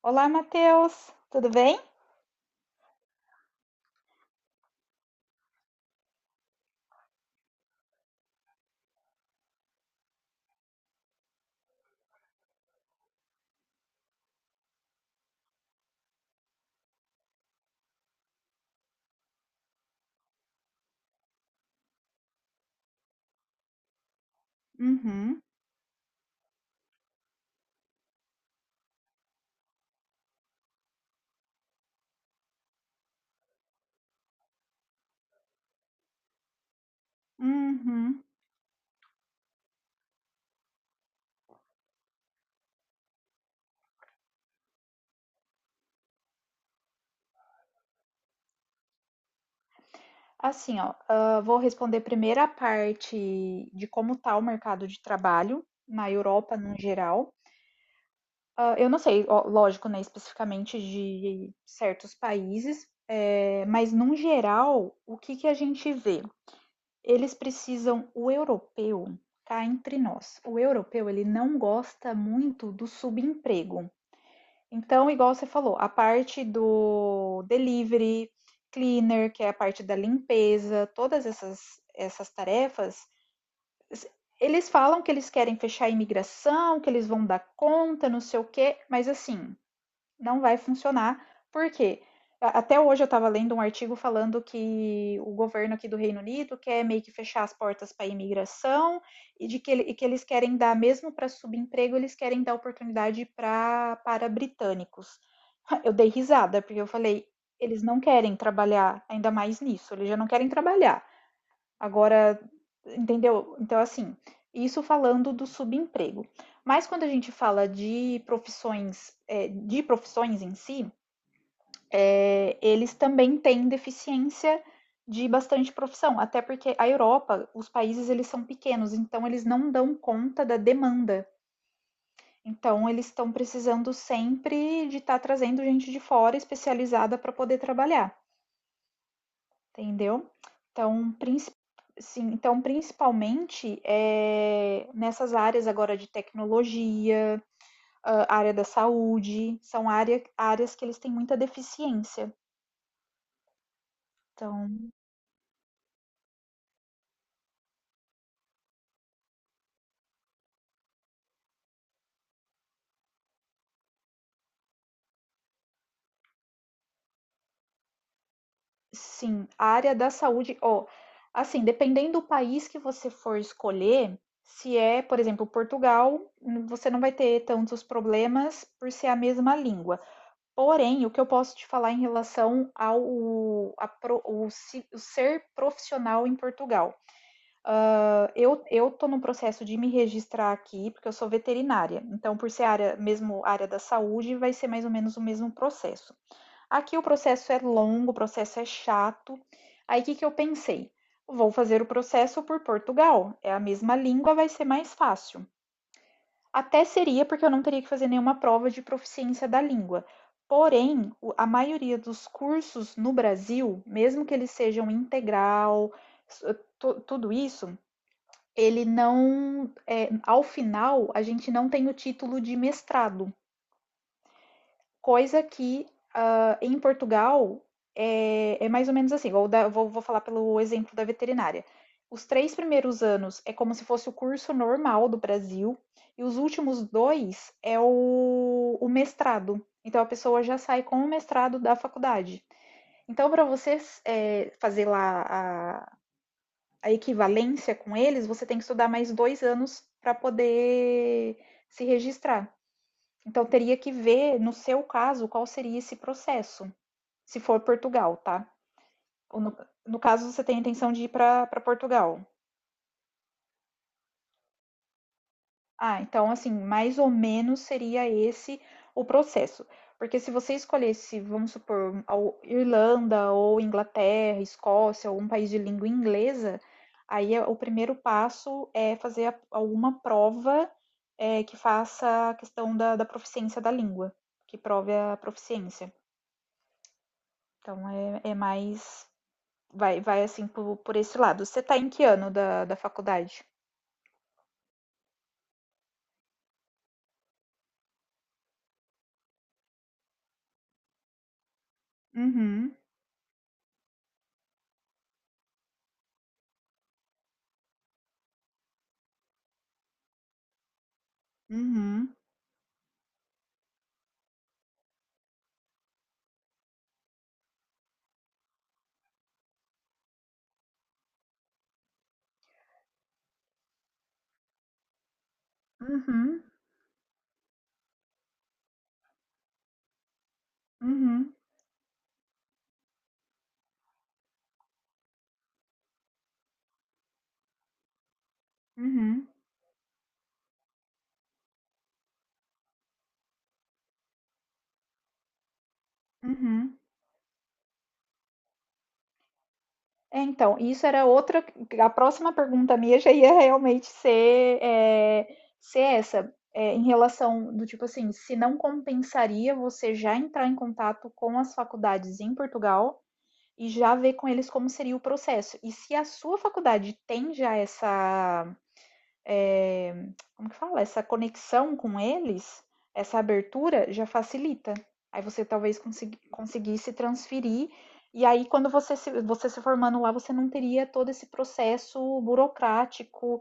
Olá, Matheus, tudo bem? Uhum, uhum. Assim, ó, vou responder primeiro a parte de como está o mercado de trabalho na Europa no geral. Ah, eu não sei, ó, lógico, né, especificamente de certos países, mas num geral, o que que a gente vê? Eles precisam, o europeu, cá entre nós, o europeu ele não gosta muito do subemprego. Então, igual você falou, a parte do delivery, cleaner, que é a parte da limpeza, todas essas tarefas, eles falam que eles querem fechar a imigração, que eles vão dar conta, não sei o quê, mas assim, não vai funcionar, porque até hoje eu estava lendo um artigo falando que o governo aqui do Reino Unido quer meio que fechar as portas para a imigração e que eles querem dar, mesmo para subemprego, eles querem dar oportunidade para britânicos. Eu dei risada, porque eu falei, eles não querem trabalhar ainda mais nisso, eles já não querem trabalhar. Agora, entendeu? Então, assim, isso falando do subemprego. Mas quando a gente fala de profissões, de profissões em si, eles também têm deficiência de bastante profissão, até porque a Europa, os países eles são pequenos, então eles não dão conta da demanda, então eles estão precisando sempre de estar trazendo gente de fora especializada para poder trabalhar, entendeu? Então, princi- sim, então principalmente é nessas áreas agora de tecnologia, ah, área da saúde, áreas que eles têm muita deficiência. Então, sim, a área da saúde, ó, assim, dependendo do país que você for escolher, se é, por exemplo, Portugal, você não vai ter tantos problemas por ser a mesma língua. Porém, o que eu posso te falar em relação ao o, ser profissional em Portugal. Ah, eu tô num processo de me registrar aqui, porque eu sou veterinária. Então, por ser área, mesmo área da saúde, vai ser mais ou menos o mesmo processo. Aqui o processo é longo, o processo é chato. Aí, o que que eu pensei? Vou fazer o processo por Portugal. É a mesma língua, vai ser mais fácil. Até seria, porque eu não teria que fazer nenhuma prova de proficiência da língua. Porém, a maioria dos cursos no Brasil, mesmo que eles sejam integral, tudo isso, ele não, é, ao final, a gente não tem o título de mestrado, coisa que em Portugal, é mais ou menos assim, vou falar pelo exemplo da veterinária. Os 3 primeiros anos é como se fosse o curso normal do Brasil, e os últimos dois é o mestrado. Então a pessoa já sai com o mestrado da faculdade. Então, para você fazer lá a equivalência com eles, você tem que estudar mais 2 anos para poder se registrar. Então, teria que ver, no seu caso, qual seria esse processo se for Portugal, tá? Ou No, no caso, você tem a intenção de ir para Portugal. Ah, então, assim, mais ou menos seria esse o processo. Porque se você escolhesse, vamos supor, Irlanda ou Inglaterra, Escócia, ou um país de língua inglesa, o primeiro passo é fazer alguma prova que faça a questão da proficiência da língua, que prove a proficiência. Então, é mais. Vai assim por esse lado. Você tá em que ano da faculdade? Uhum, uhum, uhum, uhum, uhum, uhum. É, então, isso era outra, a próxima pergunta minha já ia realmente ser, ser essa, em relação do tipo assim, se não compensaria você já entrar em contato com as faculdades em Portugal e já ver com eles como seria o processo. E se a sua faculdade tem já essa eh, como que fala? Essa conexão com eles, essa abertura já facilita. Aí você talvez conseguisse transferir, e aí quando você se formando lá, você não teria todo esse processo burocrático.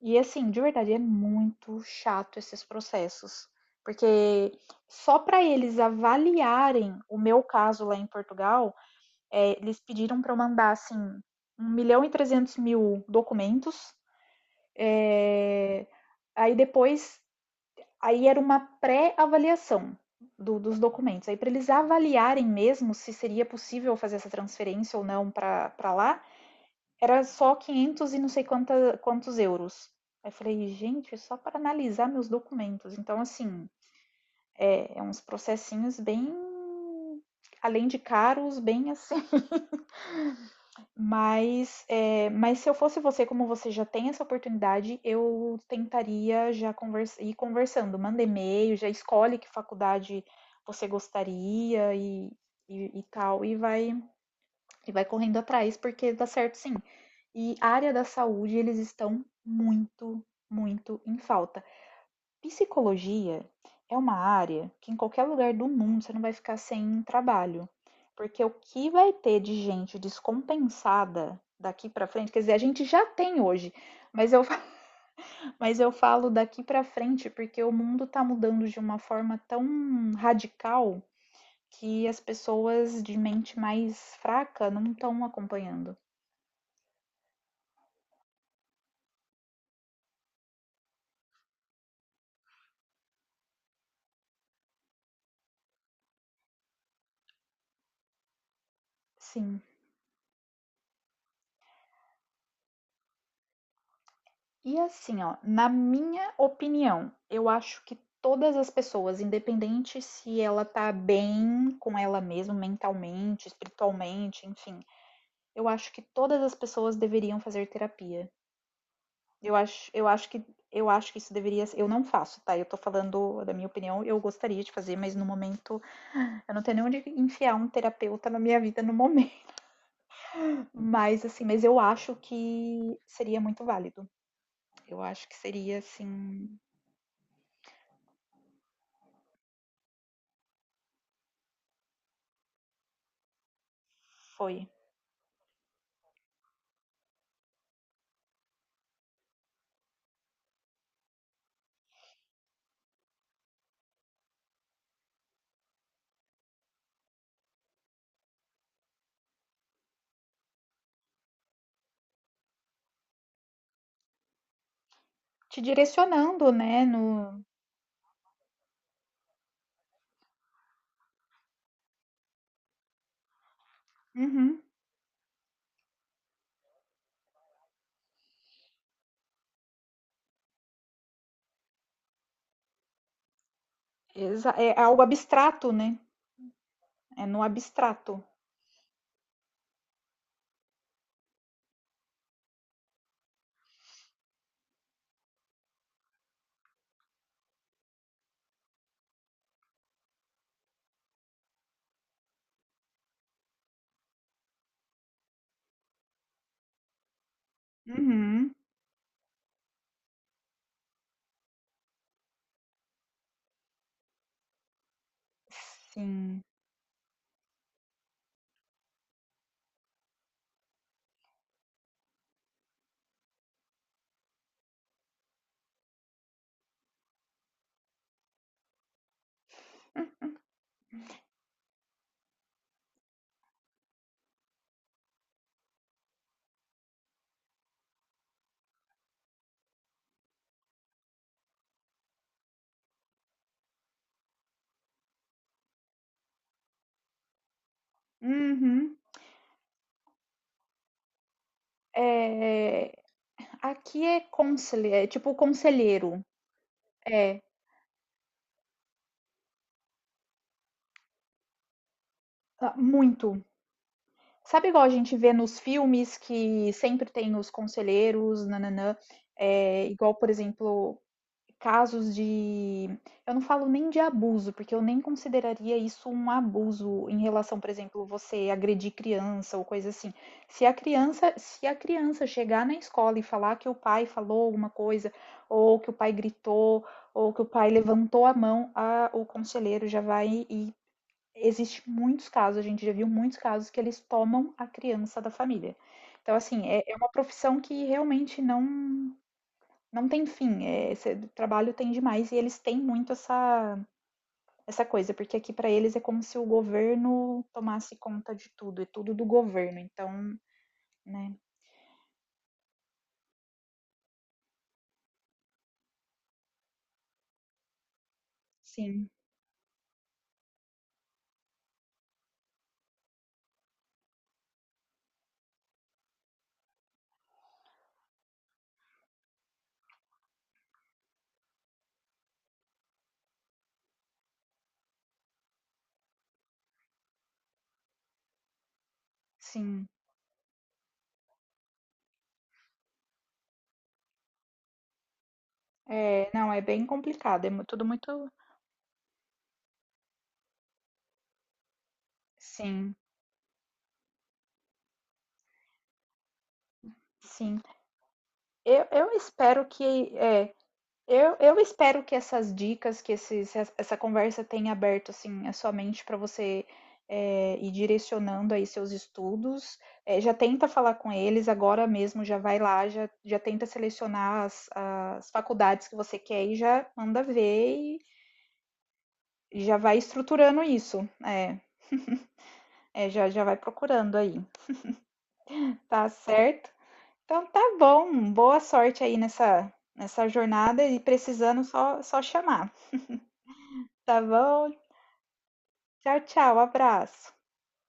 E assim, de verdade, é muito chato esses processos. Porque só para eles avaliarem o meu caso lá em Portugal, eles pediram para eu mandar assim 1.300.000 documentos. É. Aí depois, aí era uma pré-avaliação dos documentos. Aí, para eles avaliarem mesmo se seria possível fazer essa transferência ou não para lá, era só 500 e não sei quantos euros. Aí eu falei, gente, é só para analisar meus documentos. Então, assim, é uns processinhos bem, além de caros, bem assim. Mas, mas se eu fosse você, como você já tem essa oportunidade, eu tentaria já convers ir conversando, manda e-mail, já escolhe que faculdade você gostaria e tal, e vai correndo atrás, porque dá certo sim. E a área da saúde, eles estão muito, muito em falta. Psicologia é uma área que em qualquer lugar do mundo você não vai ficar sem trabalho, porque o que vai ter de gente descompensada daqui para frente, quer dizer, a gente já tem hoje, mas eu, mas eu falo daqui para frente porque o mundo está mudando de uma forma tão radical que as pessoas de mente mais fraca não estão acompanhando. Sim. E assim, ó, na minha opinião, eu acho que todas as pessoas, independente se ela tá bem com ela mesma mentalmente, espiritualmente, enfim, eu acho que todas as pessoas deveriam fazer terapia. Eu acho, eu acho que eu acho que isso deveria, eu não faço, tá? Eu tô falando da minha opinião, eu gostaria de fazer, mas no momento eu não tenho nem onde enfiar um terapeuta na minha vida no momento. Mas assim, mas eu acho que seria muito válido. Eu acho que seria assim, foi. Te direcionando, né? No... Uhum. Exa- é algo abstrato, né? É no abstrato. Uhum. Sim. Uhum. É, aqui é conselheiro, é tipo conselheiro. É, ah, muito. Sabe igual a gente vê nos filmes que sempre tem os conselheiros, nananã? É, igual, por exemplo, casos de. Eu não falo nem de abuso, porque eu nem consideraria isso um abuso em relação, por exemplo, você agredir criança ou coisa assim. Se a criança chegar na escola e falar que o pai falou alguma coisa, ou que o pai gritou, ou que o pai levantou a mão, o conselheiro já vai e existe muitos casos, a gente já viu muitos casos que eles tomam a criança da família. Então, assim, é é uma profissão que realmente não tem fim, trabalho tem demais e eles têm muito essa essa coisa, porque aqui para eles é como se o governo tomasse conta de tudo, é tudo do governo, então, né. Sim, sim. É, não, é bem complicado, é mu tudo muito, sim, sim. Eu espero que é. Eu espero que essas dicas, essa conversa tenha aberto assim a sua mente para você ir direcionando aí seus estudos. É, já tenta falar com eles agora mesmo, já vai lá, já tenta selecionar as faculdades que você quer e já manda ver e já vai estruturando isso. É, é, já vai procurando aí, tá certo? Então tá bom, boa sorte aí nessa, nessa jornada e precisando só, só chamar, tá bom? Tchau, tchau, abraço.